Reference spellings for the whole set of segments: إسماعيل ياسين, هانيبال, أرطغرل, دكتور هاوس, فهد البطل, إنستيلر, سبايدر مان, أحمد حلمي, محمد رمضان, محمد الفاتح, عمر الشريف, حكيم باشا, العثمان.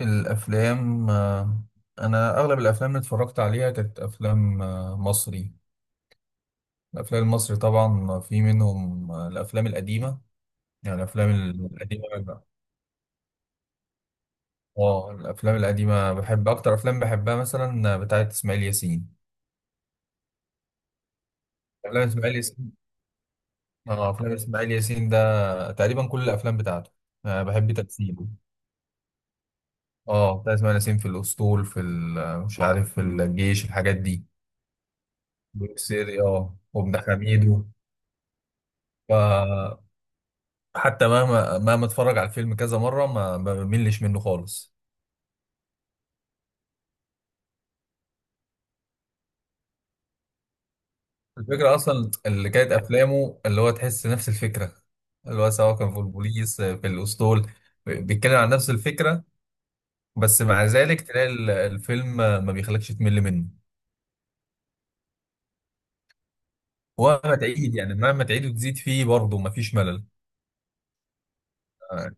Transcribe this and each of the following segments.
الأفلام. أنا أغلب الأفلام اللي اتفرجت عليها كانت أفلام مصري. الأفلام المصري طبعا في منهم الأفلام القديمة. يعني الأفلام القديمة بحبها. الأفلام القديمة بحب أكتر، أفلام بحبها مثلا بتاعت إسماعيل ياسين. أفلام إسماعيل ياسين. أفلام إسماعيل ياسين ده تقريبا كل الأفلام بتاعته. أنا بحب تمثيله. بتاع إسماعيل ياسين في الأسطول، في مش عارف، في الجيش، الحاجات دي. بوكسيري، وابن حميدو. ف حتى مهما اتفرج على الفيلم كذا مره، ما بملش منه خالص. الفكره اصلا اللي كانت افلامه، اللي هو تحس نفس الفكره، اللي هو سواء كان في البوليس في الاسطول، بيتكلم عن نفس الفكره، بس مع ذلك تلاقي الفيلم ما بيخليكش تمل منه. ومهما تعيد، يعني مهما تعيد وتزيد فيه برضه، ما فيش ملل.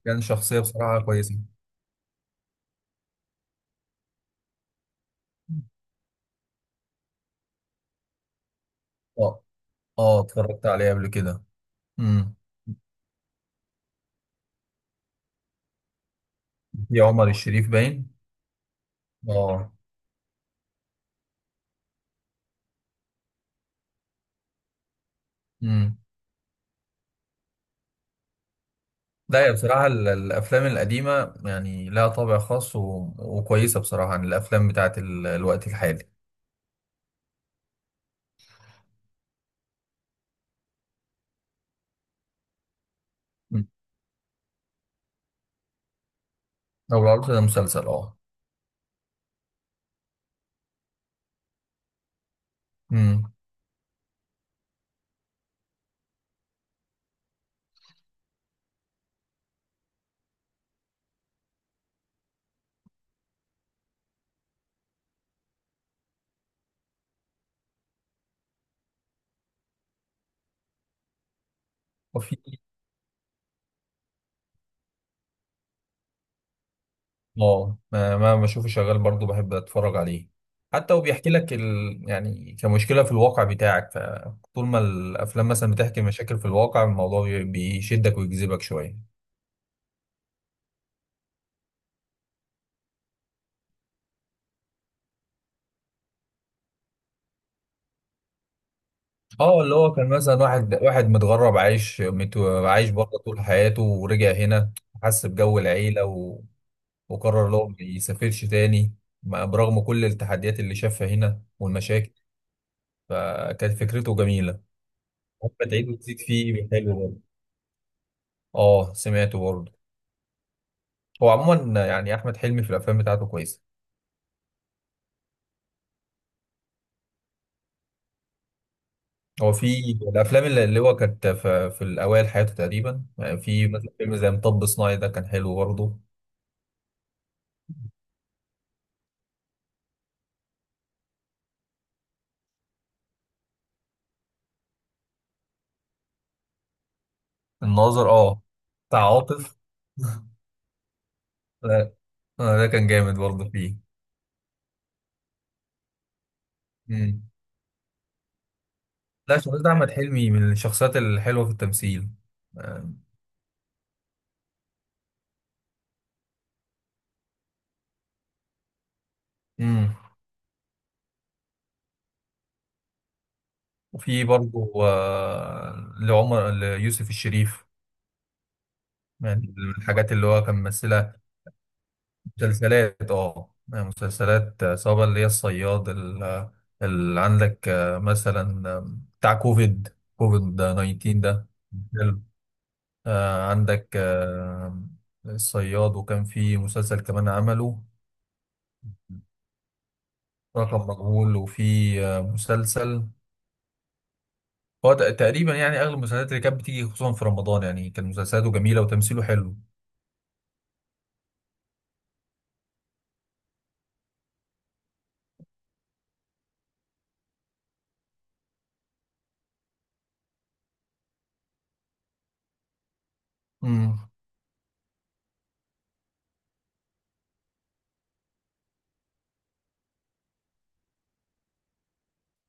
كان شخصيه بصراحه كويسه. اه، اه، اتفرجت عليه قبل كده. امم. في عمر الشريف باين. اه. امم. لا، يا بصراحة الأفلام القديمة يعني لها طابع خاص، وكويسة بصراحة عن الأفلام بتاعت الوقت الحالي. مم. لو العروض ده مسلسل، اه. مم. وفي اه ما بشوفه شغال برضو بحب أتفرج عليه. حتى وبيحكي لك يعني كمشكلة في الواقع بتاعك، فطول ما الأفلام مثلا بتحكي مشاكل في الواقع، الموضوع بيشدك ويجذبك شوية. اه، اللي هو كان مثلا واحد متغرب عايش عايش بره طول حياته ورجع هنا، حس بجو العيلة، وقرر اللي هو ما يسافرش تاني، برغم كل التحديات اللي شافها هنا والمشاكل، فكانت فكرته جميلة. ممكن تعيد وتزيد فيه، حلو برضه. اه، سمعته برضه. هو عموما يعني أحمد حلمي في الأفلام بتاعته كويسة. هو في الأفلام اللي هو كانت في الأوائل حياته، تقريبا يعني في مثلا فيلم زي مطب صناعي ده كان حلو برضه. الناظر، اه. بتاع عاطف. لا. ده كان جامد برضه فيه. مم. لا، شخصية أحمد حلمي من الشخصيات الحلوة في التمثيل. آه. مم. وفي برضه لعمر ليوسف الشريف، يعني من الحاجات اللي هو كان ممثلها. مسلسلات، يعني مسلسلات، سواء اللي هي الصياد، اللي عندك، مثلا، بتاع كوفيد 19 ده، حلو. عندك، الصياد، وكان في مسلسل كمان عمله رقم مجهول. وفي مسلسل، هو تقريبا يعني اغلب المسلسلات اللي كانت بتيجي خصوصا في رمضان، يعني كان مسلسلاته جميله وتمثيله حلو. امم.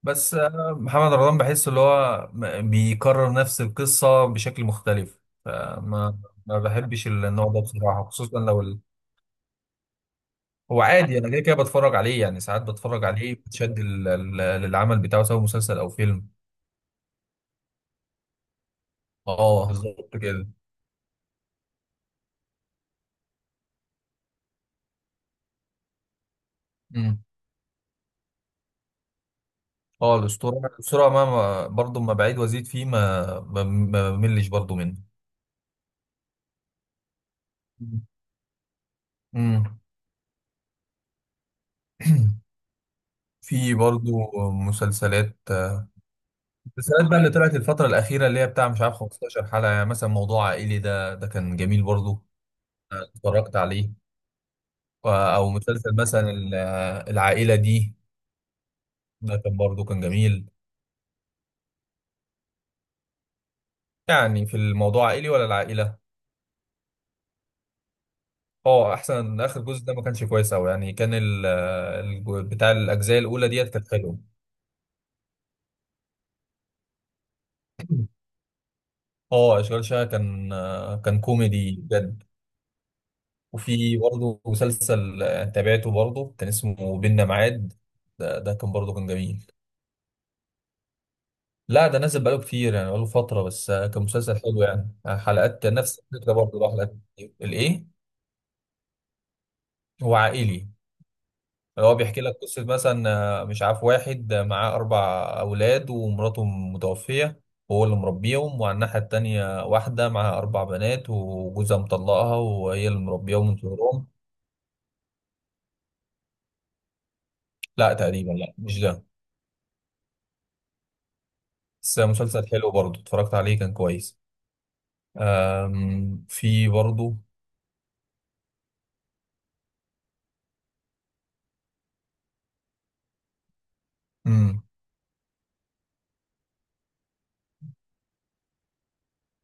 بس محمد رمضان بحس اللي هو بيكرر نفس القصه بشكل مختلف، فما ما بحبش النوع ده بصراحه، خصوصا لو هو عادي، انا كده كده بتفرج عليه، يعني ساعات بتفرج عليه بتشد للعمل بتاعه سواء مسلسل او فيلم. اه، بالظبط كده. مم. اه، الاسطوره، الاسطوره برضه ما بعيد وازيد فيه، ما بملش برضه منه. امم في برضه مسلسلات. المسلسلات بقى اللي طلعت الفتره الاخيره، اللي هي بتاع مش عارف 15 حلقه، يعني مثلا موضوع عائلي، ده كان جميل برضه، اتفرجت عليه. او مسلسل مثلا العائله دي، ده كان برضه كان جميل. يعني في الموضوع عائلي ولا العائله؟ اه، احسن. اخر جزء ده ما كانش كويس قوي، يعني كان بتاع الاجزاء الاولى ديت كانت حلوه. اه، اشغال شقه كان كان كوميدي بجد. وفي برضه مسلسل تابعته برضه، كان اسمه بينا ميعاد، ده كان برضه كان جميل. لا، ده نزل بقاله كتير، يعني بقاله فتره، بس كان مسلسل حلو، يعني حلقات نفس الفكره برضه، له حلقات كتير. الايه. هو عائلي. هو بيحكي لك قصه، مثلا مش عارف، واحد معاه اربع اولاد ومراته متوفيه، وهو اللي مربيهم، وعلى الناحيه التانيه واحده معاها اربع بنات وجوزها مطلقها، وهي اللي مربيهم من صغرهم. لا، تقريبا لا، مش ده. بس مسلسل حلو برضه، اتفرجت عليه، كان كويس. أم. في برضه. امم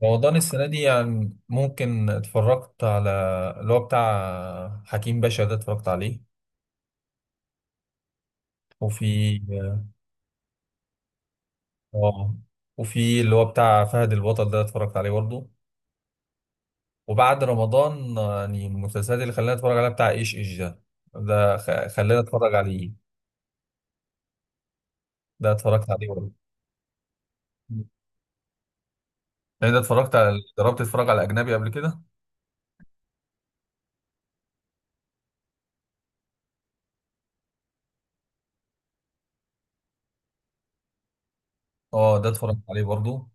رمضان السنة دي يعني ممكن اتفرجت على اللي هو بتاع حكيم باشا ده، اتفرجت عليه. وفي اه وفي اللي هو بتاع فهد البطل ده اتفرجت عليه برضه. وبعد رمضان يعني المسلسلات اللي خلاني اتفرج عليها بتاع ايش ايش ده، ده خلاني اتفرج عليه. ده اتفرجت عليه برضه. يعني ده اتفرجت على جربت اتفرج على اجنبي قبل كده. اه، ده اتفرجت عليه برضو.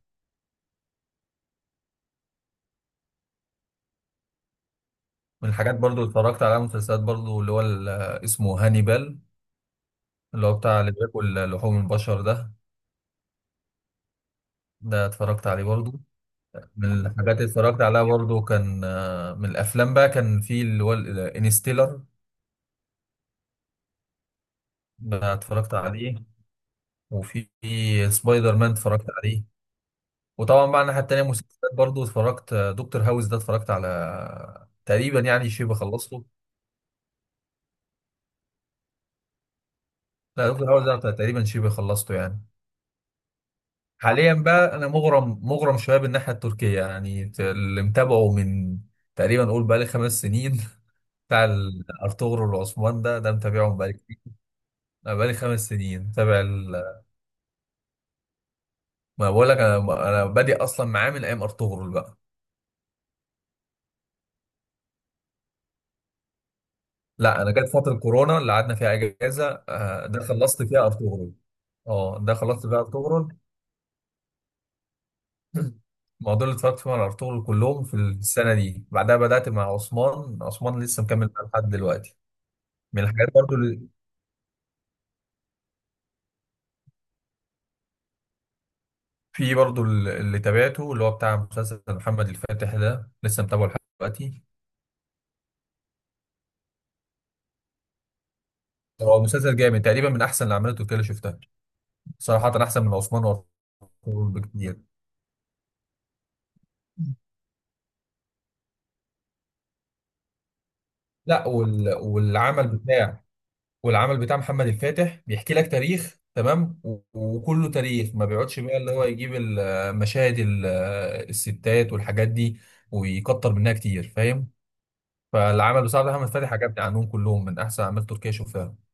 من الحاجات برضو اللي اتفرجت عليها مسلسلات، برضو اللي هو اسمه هانيبال، اللي هو بتاع اللي بياكل لحوم البشر ده. ده اتفرجت عليه برضو. من الحاجات اللي اتفرجت عليها برضو كان من الافلام بقى، كان في اللي هو انستيلر، ده اتفرجت عليه. وفي سبايدر مان اتفرجت عليه. وطبعا بقى الناحية التانية مسلسلات، برضو اتفرجت دكتور هاوس ده، اتفرجت على تقريبا، يعني شبه خلصته. لا، دكتور هاوس ده تقريبا شبه خلصته يعني. حاليا بقى، انا مغرم مغرم شويه بالناحيه التركيه، يعني اللي متابعه من تقريبا، قول بقالي 5 سنين. بتاع ارطغرل والعثمان، ده متابعهم بقالي كتير. أنا بقالي 5 سنين متابع ما بقول لك، انا بادئ اصلا معاه من ايام ارطغرل بقى. لا، انا جت فتره كورونا اللي قعدنا فيها اجازه، ده خلصت فيها ارطغرل. اه، ده خلصت فيها ارطغرل. الموضوع، اللي اتفرجت فيه على ارطغرل كلهم في السنه دي، بعدها بدات مع عثمان. عثمان لسه مكمل معاه لحد دلوقتي. من الحاجات برضو، في برضو اللي تابعته اللي هو بتاع مسلسل محمد الفاتح، ده لسه متابعه لحد دلوقتي. هو مسلسل جامد، تقريبا من احسن الاعمال التركيه اللي شفتها، صراحه احسن من عثمان وارطغرل بكتير. لا، والعمل بتاع محمد الفاتح بيحكي لك تاريخ تمام، وكله تاريخ، ما بيقعدش بقى اللي هو يجيب المشاهد الستات والحاجات دي ويكتر منها كتير، فاهم. فالعمل بصراحه محمد الفاتح عجبني عنهم كلهم، من احسن اعمال تركيه شفتها.